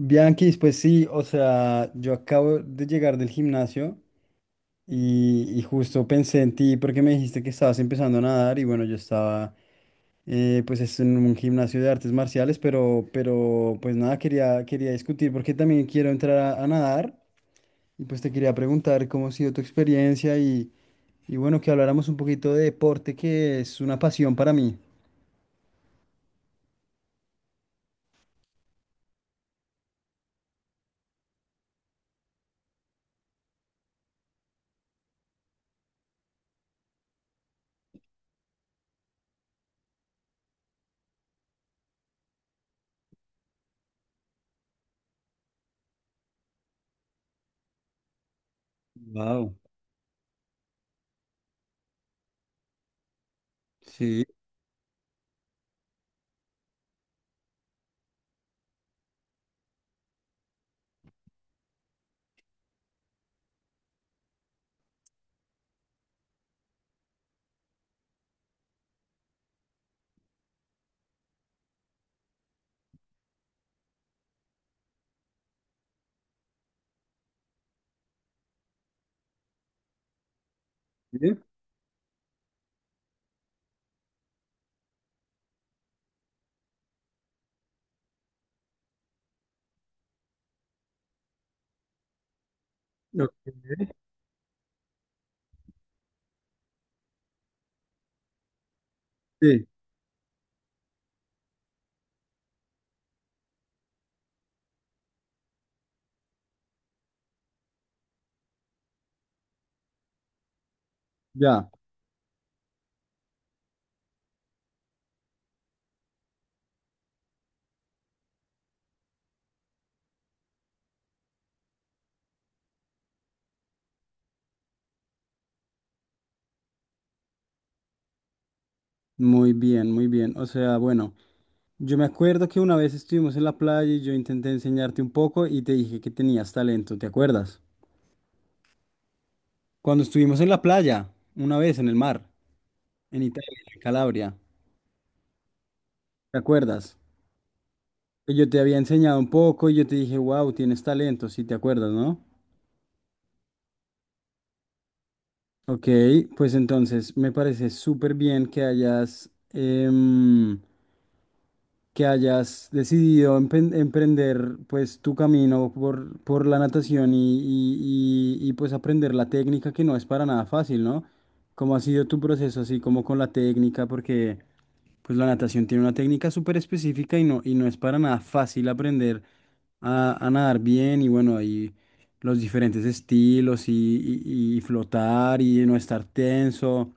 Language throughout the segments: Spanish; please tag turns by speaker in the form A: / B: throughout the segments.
A: Bianquis, pues sí, o sea, yo acabo de llegar del gimnasio y justo pensé en ti porque me dijiste que estabas empezando a nadar y bueno, yo estaba pues es en un gimnasio de artes marciales, pero pues nada, quería discutir porque también quiero entrar a nadar y pues te quería preguntar cómo ha sido tu experiencia y bueno, que habláramos un poquito de deporte que es una pasión para mí. Wow. Sí, sí, ok, ya, muy bien, muy bien. O sea, bueno. Yo me acuerdo que una vez estuvimos en la playa y yo intenté enseñarte un poco y te dije que tenías talento, ¿te acuerdas? Cuando estuvimos en la playa, una vez en el mar, en Italia, en Calabria, ¿te acuerdas? Que yo te había enseñado un poco y yo te dije, wow, tienes talento, sí, te acuerdas, ¿no? Ok, pues entonces me parece súper bien que hayas, que hayas decidido emprender pues tu camino por la natación y pues aprender la técnica que no es para nada fácil, ¿no? ¿Cómo ha sido tu proceso así como con la técnica? Porque pues la natación tiene una técnica súper específica y no es para nada fácil aprender a nadar bien y bueno, y los diferentes estilos y flotar y no estar tenso.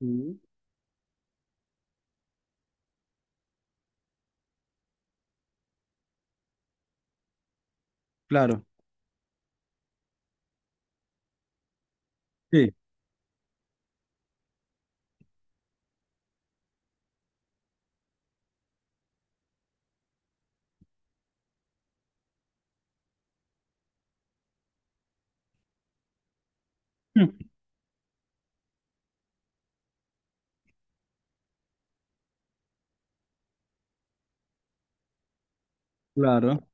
A: Ujú. Claro, sí, claro.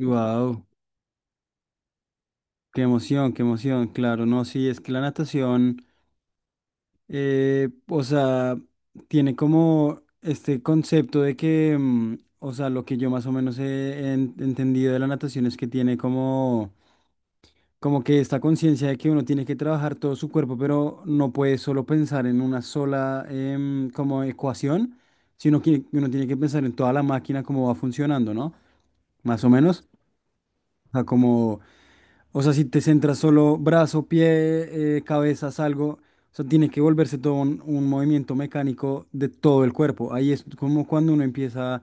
A: Wow. Qué emoción, claro, no, sí, es que la natación, o sea, tiene como este concepto de que, mm, o sea, lo que yo más o menos he entendido de la natación es que tiene como, como que esta conciencia de que uno tiene que trabajar todo su cuerpo, pero no puede solo pensar en una sola como ecuación, sino que uno tiene que pensar en toda la máquina, cómo va funcionando, ¿no? Más o menos, o sea, como. O sea, si te centras solo brazo, pie, cabeza, algo, o sea, tiene que volverse todo un movimiento mecánico de todo el cuerpo. Ahí es como cuando uno empieza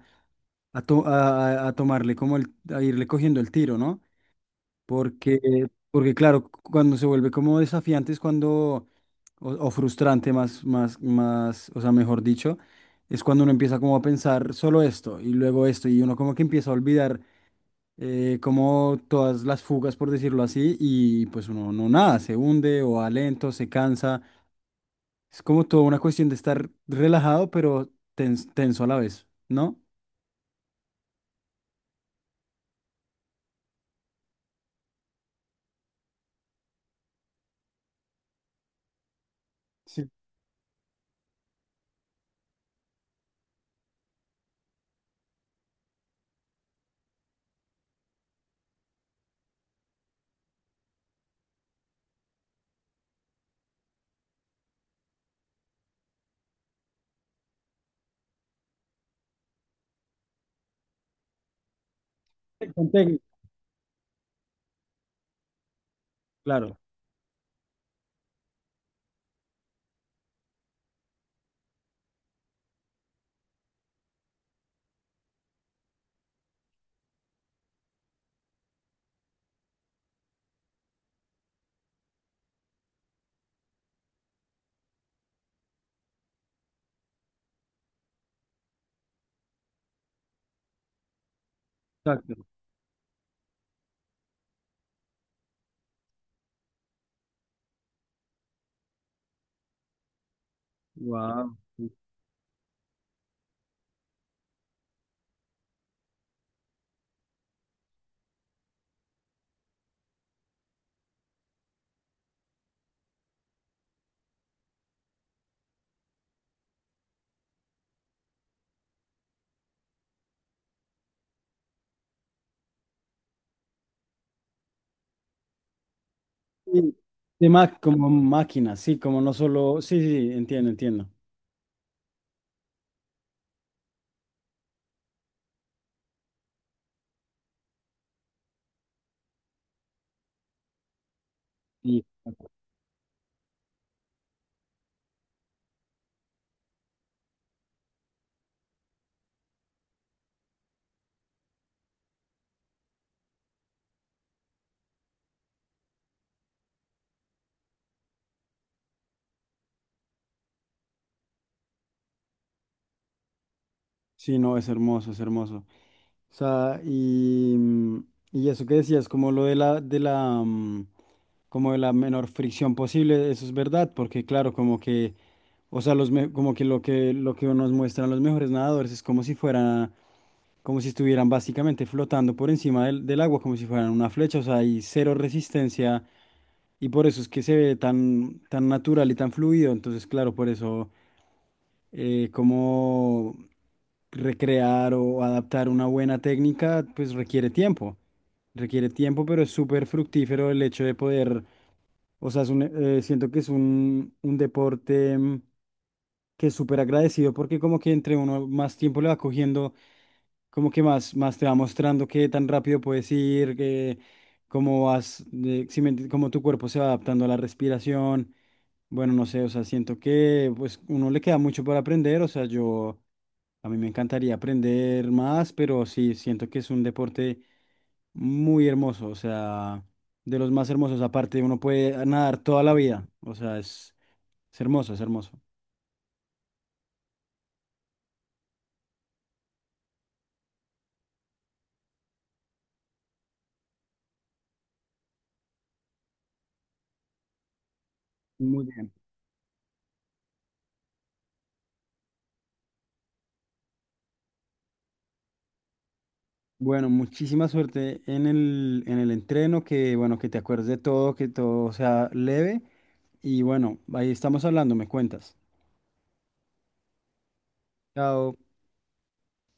A: a tomarle, como a irle cogiendo el tiro, ¿no? Porque, porque claro, cuando se vuelve como desafiante es cuando, o frustrante más, o sea, mejor dicho, es cuando uno empieza como a pensar solo esto y luego esto y uno como que empieza a olvidar como todas las fugas, por decirlo así, y pues uno no nada, se hunde o va lento, se cansa. Es como toda una cuestión de estar relajado, pero tenso a la vez, ¿no? Sí, con técnica. Claro, exacto. Wow. Sí, como máquina, sí, como no solo. Sí, sí, sí, entiendo, entiendo. Sí, sí, no, es hermoso, es hermoso. O sea, y, mm, y eso que decías, como lo de de la, mm, como de la menor fricción posible, eso es verdad, porque claro, como que, o sea, los, como que lo que, lo que nos muestran los mejores nadadores es como si fuera, como si estuvieran básicamente flotando por encima del agua, como si fueran una flecha, o sea, hay cero resistencia, y por eso es que se ve tan, tan natural y tan fluido, entonces, claro, por eso cómo recrear o adaptar una buena técnica, pues requiere tiempo. Requiere tiempo, pero es súper fructífero el hecho de poder. O sea, es un, siento que es un deporte mm, que es súper agradecido porque como que entre uno más tiempo le va cogiendo, como que más, más te va mostrando qué tan rápido puedes ir, que cómo vas, si me cómo tu cuerpo se va adaptando a la respiración. Bueno, no sé, o sea, siento que pues uno le queda mucho por aprender, o sea, yo a mí me encantaría aprender más, pero sí, siento que es un deporte muy hermoso, o sea de los más hermosos. Aparte, uno puede nadar toda la vida. O sea, es hermoso, es hermoso. Muy bien. Bueno, muchísima suerte en el entreno, que bueno, que te acuerdes de todo, que todo sea leve. Y bueno, ahí estamos hablando, me cuentas. Chao.